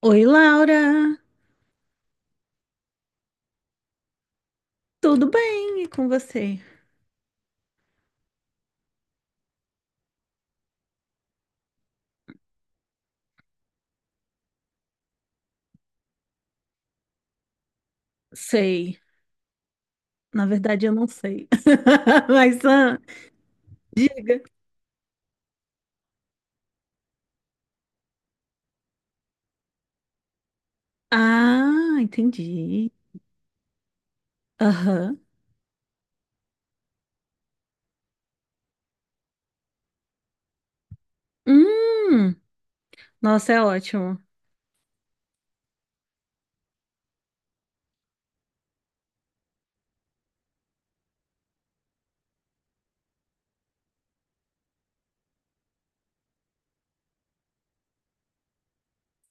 Oi, Laura, tudo bem? E com você? Sei, na verdade eu não sei. Mas, diga. Ah, entendi. Aham. Hum, nossa, é ótimo.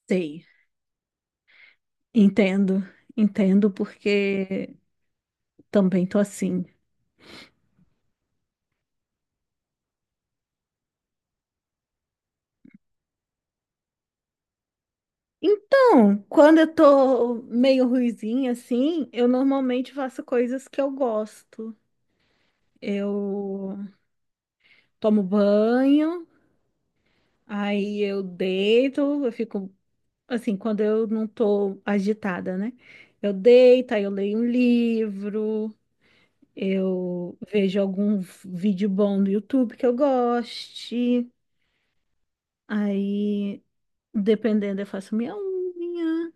Sei, entendo, entendo porque também tô assim. Então, quando eu tô meio ruizinha assim, eu normalmente faço coisas que eu gosto. Eu tomo banho, aí eu deito, eu fico assim, quando eu não tô agitada, né? Eu deito, aí eu leio um livro, eu vejo algum vídeo bom no YouTube que eu goste, aí, dependendo, eu faço minha unha,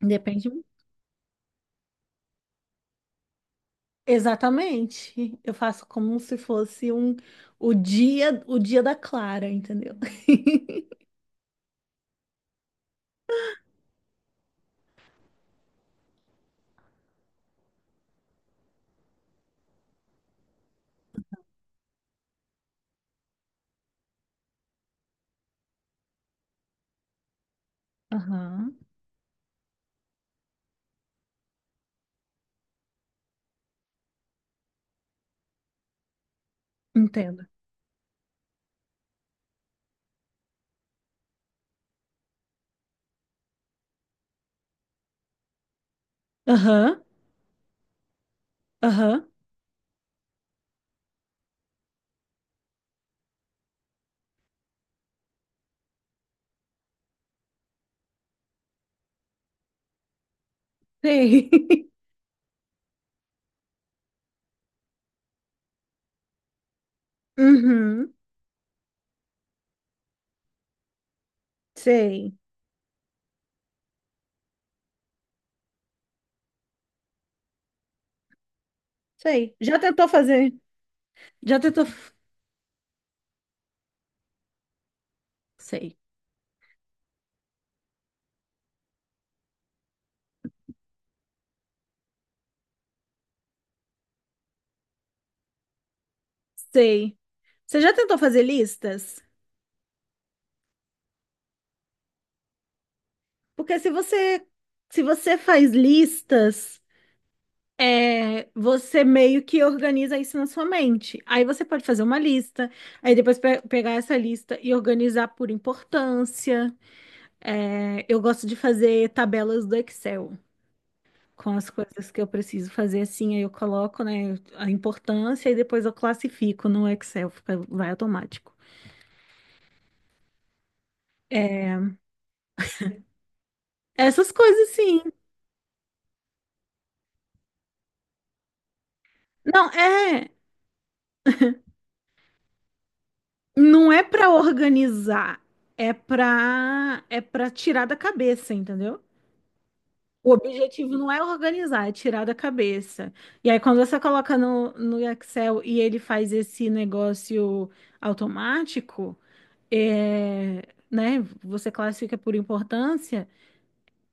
depende. Exatamente. Eu faço como se fosse o dia da Clara, entendeu? Aham, entendo. Aham, aham, sei. Uhum, sei, sei. Já tentou fazer. Já tentou? F- Sei. Sei. Você já tentou fazer listas? Porque se você faz listas, é, você meio que organiza isso na sua mente. Aí você pode fazer uma lista, aí depois pe- pegar essa lista e organizar por importância. É, eu gosto de fazer tabelas do Excel com as coisas que eu preciso fazer assim, aí eu coloco, né, a importância e depois eu classifico no Excel, fica, vai automático. É, essas coisas, sim. Não, é, não é pra organizar, é pra é para tirar da cabeça, entendeu? O objetivo não é organizar, é tirar da cabeça. E aí, quando você coloca no Excel e ele faz esse negócio automático, é, né? Você classifica por importância,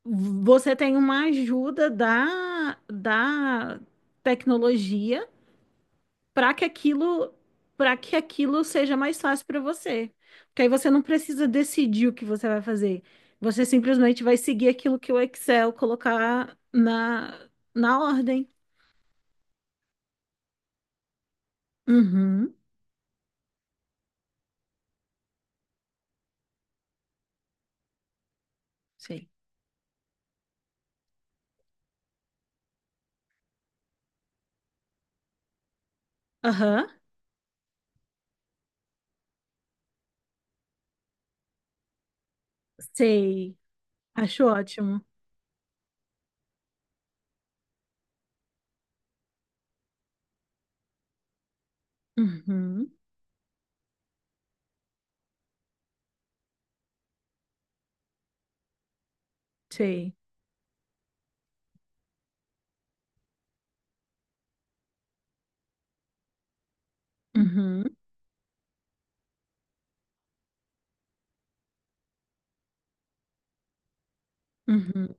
você tem uma ajuda da tecnologia para que aquilo, para que aquilo seja mais fácil para você. Porque aí você não precisa decidir o que você vai fazer. Você simplesmente vai seguir aquilo que o Excel colocar na ordem. Uhum, sei. Aham, sei. Acho ótimo. Uhum, sei. Uhum, uhum,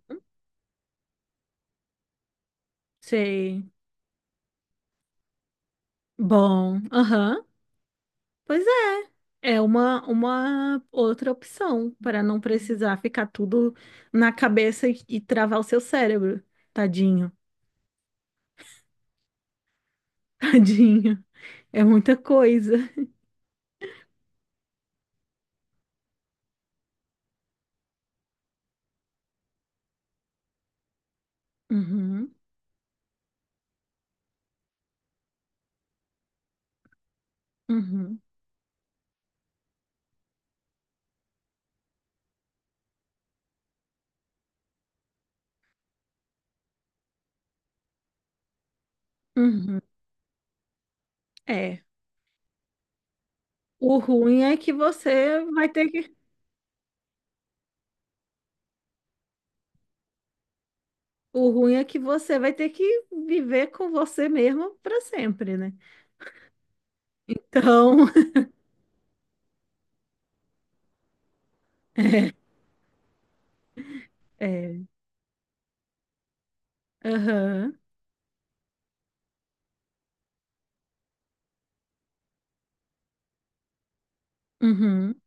sei. Bom, aham. Pois é uma outra opção para não precisar ficar tudo na cabeça e travar o seu cérebro. Tadinho, tadinho. É muita coisa. Uhum, uhum, uhum. É. O ruim é que você vai ter que. O ruim é que você vai ter que viver com você mesmo para sempre, né? Então, é. Aham. Uhum,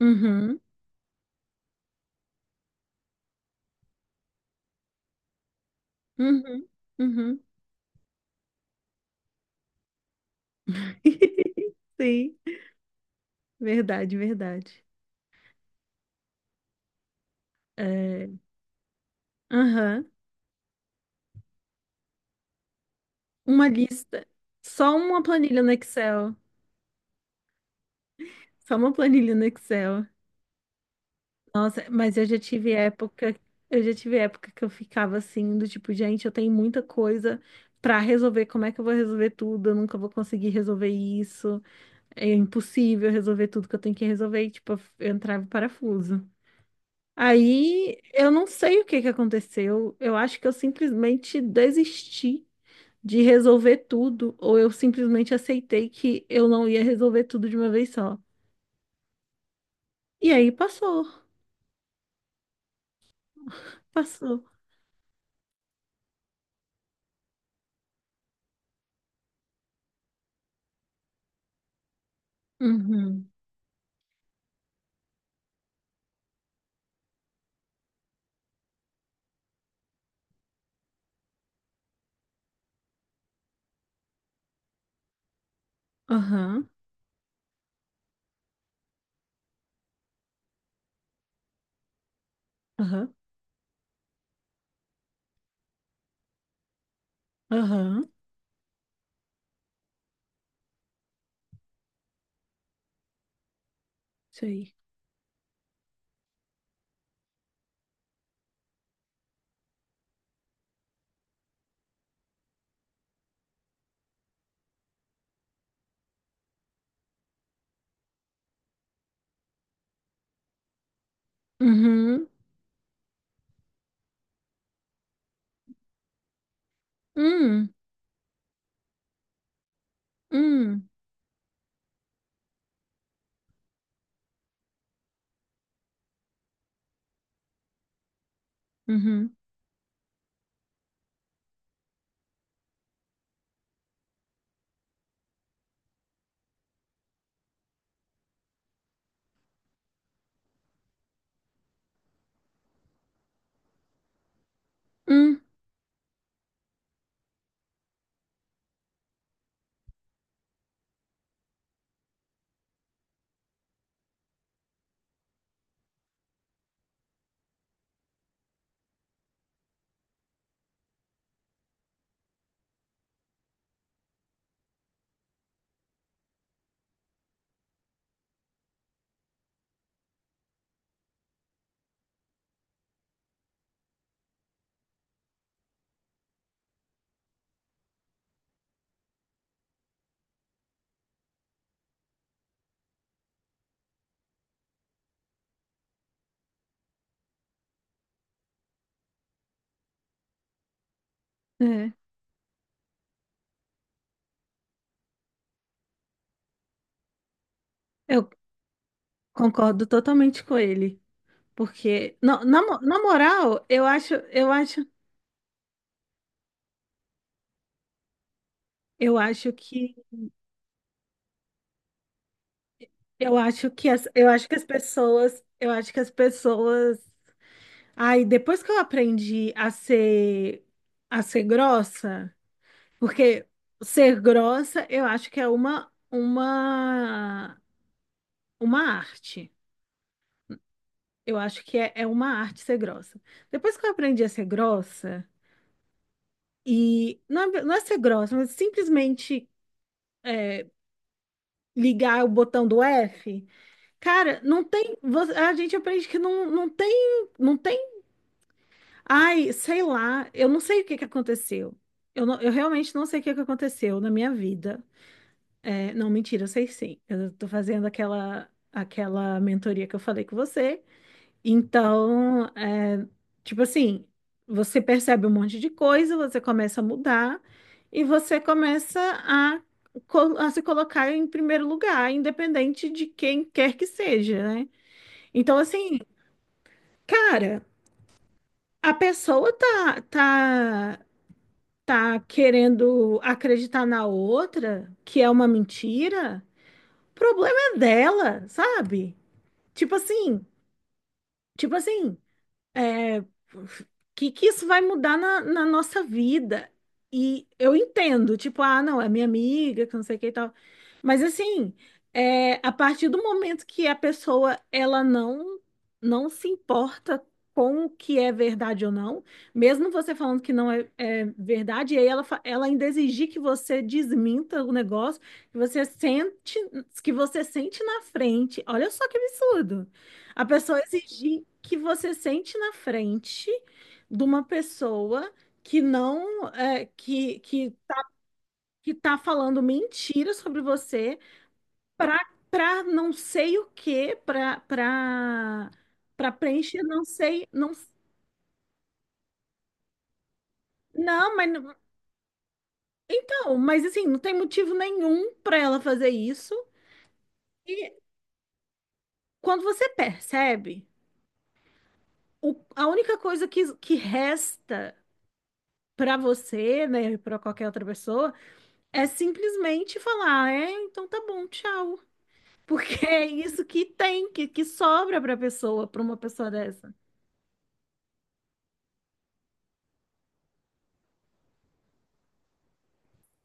uhum, uhum, uhum. Sim, verdade. É. Aham. Uma lista. Só uma planilha no Excel. Só uma planilha no Excel. Nossa, mas eu já tive época que eu ficava assim, do tipo, gente, eu tenho muita coisa pra resolver, como é que eu vou resolver tudo? Eu nunca vou conseguir resolver isso. É impossível resolver tudo que eu tenho que resolver, e, tipo, eu entrava em parafuso. Aí eu não sei o que que aconteceu. Eu acho que eu simplesmente desisti de resolver tudo, ou eu simplesmente aceitei que eu não ia resolver tudo de uma vez só. E aí passou, passou. Uhum. Aham, aham, aham. Isso aí. Uhum. Hum, hum, uhum. Hum. É. Eu concordo totalmente com ele. Porque, na moral, eu acho que, eu acho que eu acho que as pessoas. Aí depois que eu aprendi a ser grossa, porque ser grossa eu acho que é uma arte. Eu acho que é uma arte ser grossa. Depois que eu aprendi a ser grossa e não é, não é ser grossa, mas simplesmente ligar o botão do F, cara, não tem, vo- a gente aprende que não, não tem, não tem, ai, sei lá, eu não sei o que que aconteceu. Eu realmente não sei o que que aconteceu na minha vida. É, não, mentira, eu sei sim. Eu tô fazendo aquela mentoria que eu falei com você. Então, é, tipo assim, você percebe um monte de coisa, você começa a mudar e você começa a, a se colocar em primeiro lugar, independente de quem quer que seja, né? Então, assim, cara, a pessoa tá querendo acreditar na outra, que é uma mentira. Problema é dela, sabe? Tipo assim, tipo assim, é, que isso vai mudar na nossa vida? E eu entendo, tipo, ah, não, é minha amiga, que não sei o que e tal. Mas assim, é, a partir do momento que a pessoa ela não se importa com o que é verdade ou não, mesmo você falando que não é, é verdade, e aí ela, fa- ela ainda exigir que você desminta o negócio, que você sente, que você sente na frente. Olha só que absurdo. A pessoa exigir que você sente na frente de uma pessoa que não é, que tá falando mentira sobre você para para não sei o quê, para preencher não sei, não, mas mas assim, não tem motivo nenhum para ela fazer isso. E quando você percebe, a única coisa que resta para você, né, para qualquer outra pessoa é simplesmente falar, é, então tá bom, tchau. Porque é isso que tem, que sobra pra pessoa, pra uma pessoa dessa.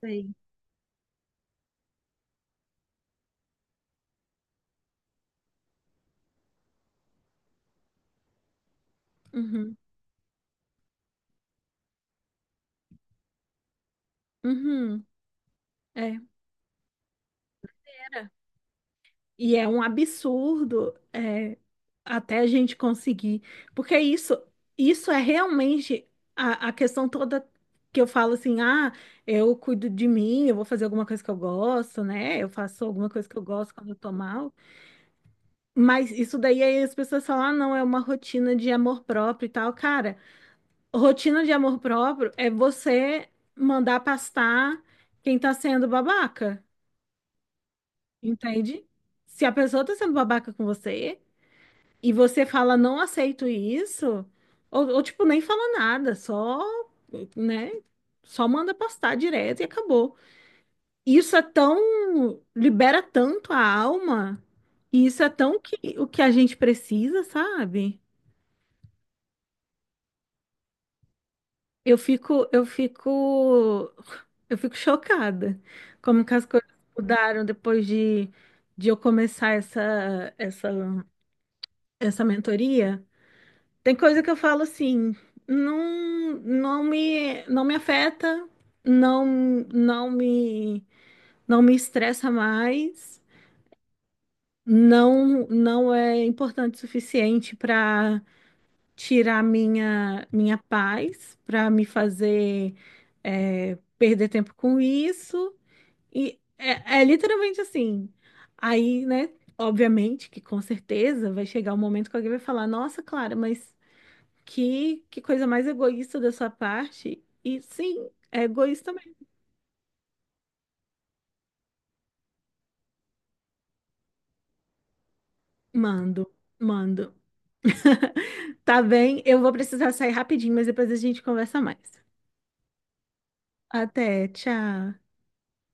Sei. Uhum, uhum, é. Era. E é um absurdo, é, até a gente conseguir. Porque isso é realmente a questão toda que eu falo assim, ah, eu cuido de mim, eu vou fazer alguma coisa que eu gosto, né? Eu faço alguma coisa que eu gosto quando eu tô mal. Mas isso daí aí as pessoas falam, ah, não, é uma rotina de amor próprio e tal. Cara, rotina de amor próprio é você mandar pastar quem tá sendo babaca, entende? Se a pessoa tá sendo babaca com você e você fala, não aceito isso, ou tipo, nem fala nada, só, né, só manda pastar direto e acabou. Isso é tão, libera tanto a alma, e isso é tão que, o que a gente precisa, sabe? Eu fico, eu fico, eu fico chocada como que as coisas mudaram depois de eu começar essa mentoria. Tem coisa que eu falo assim, não, não me afeta, não, não me estressa mais, não, não é importante o suficiente para tirar minha paz para me fazer é, perder tempo com isso. É literalmente assim. Aí, né, obviamente que com certeza vai chegar um momento que alguém vai falar: Nossa, Clara, mas que coisa mais egoísta da sua parte. E sim, é egoísta mesmo. Mando, mando. Tá bem, eu vou precisar sair rapidinho, mas depois a gente conversa mais. Até, tchau.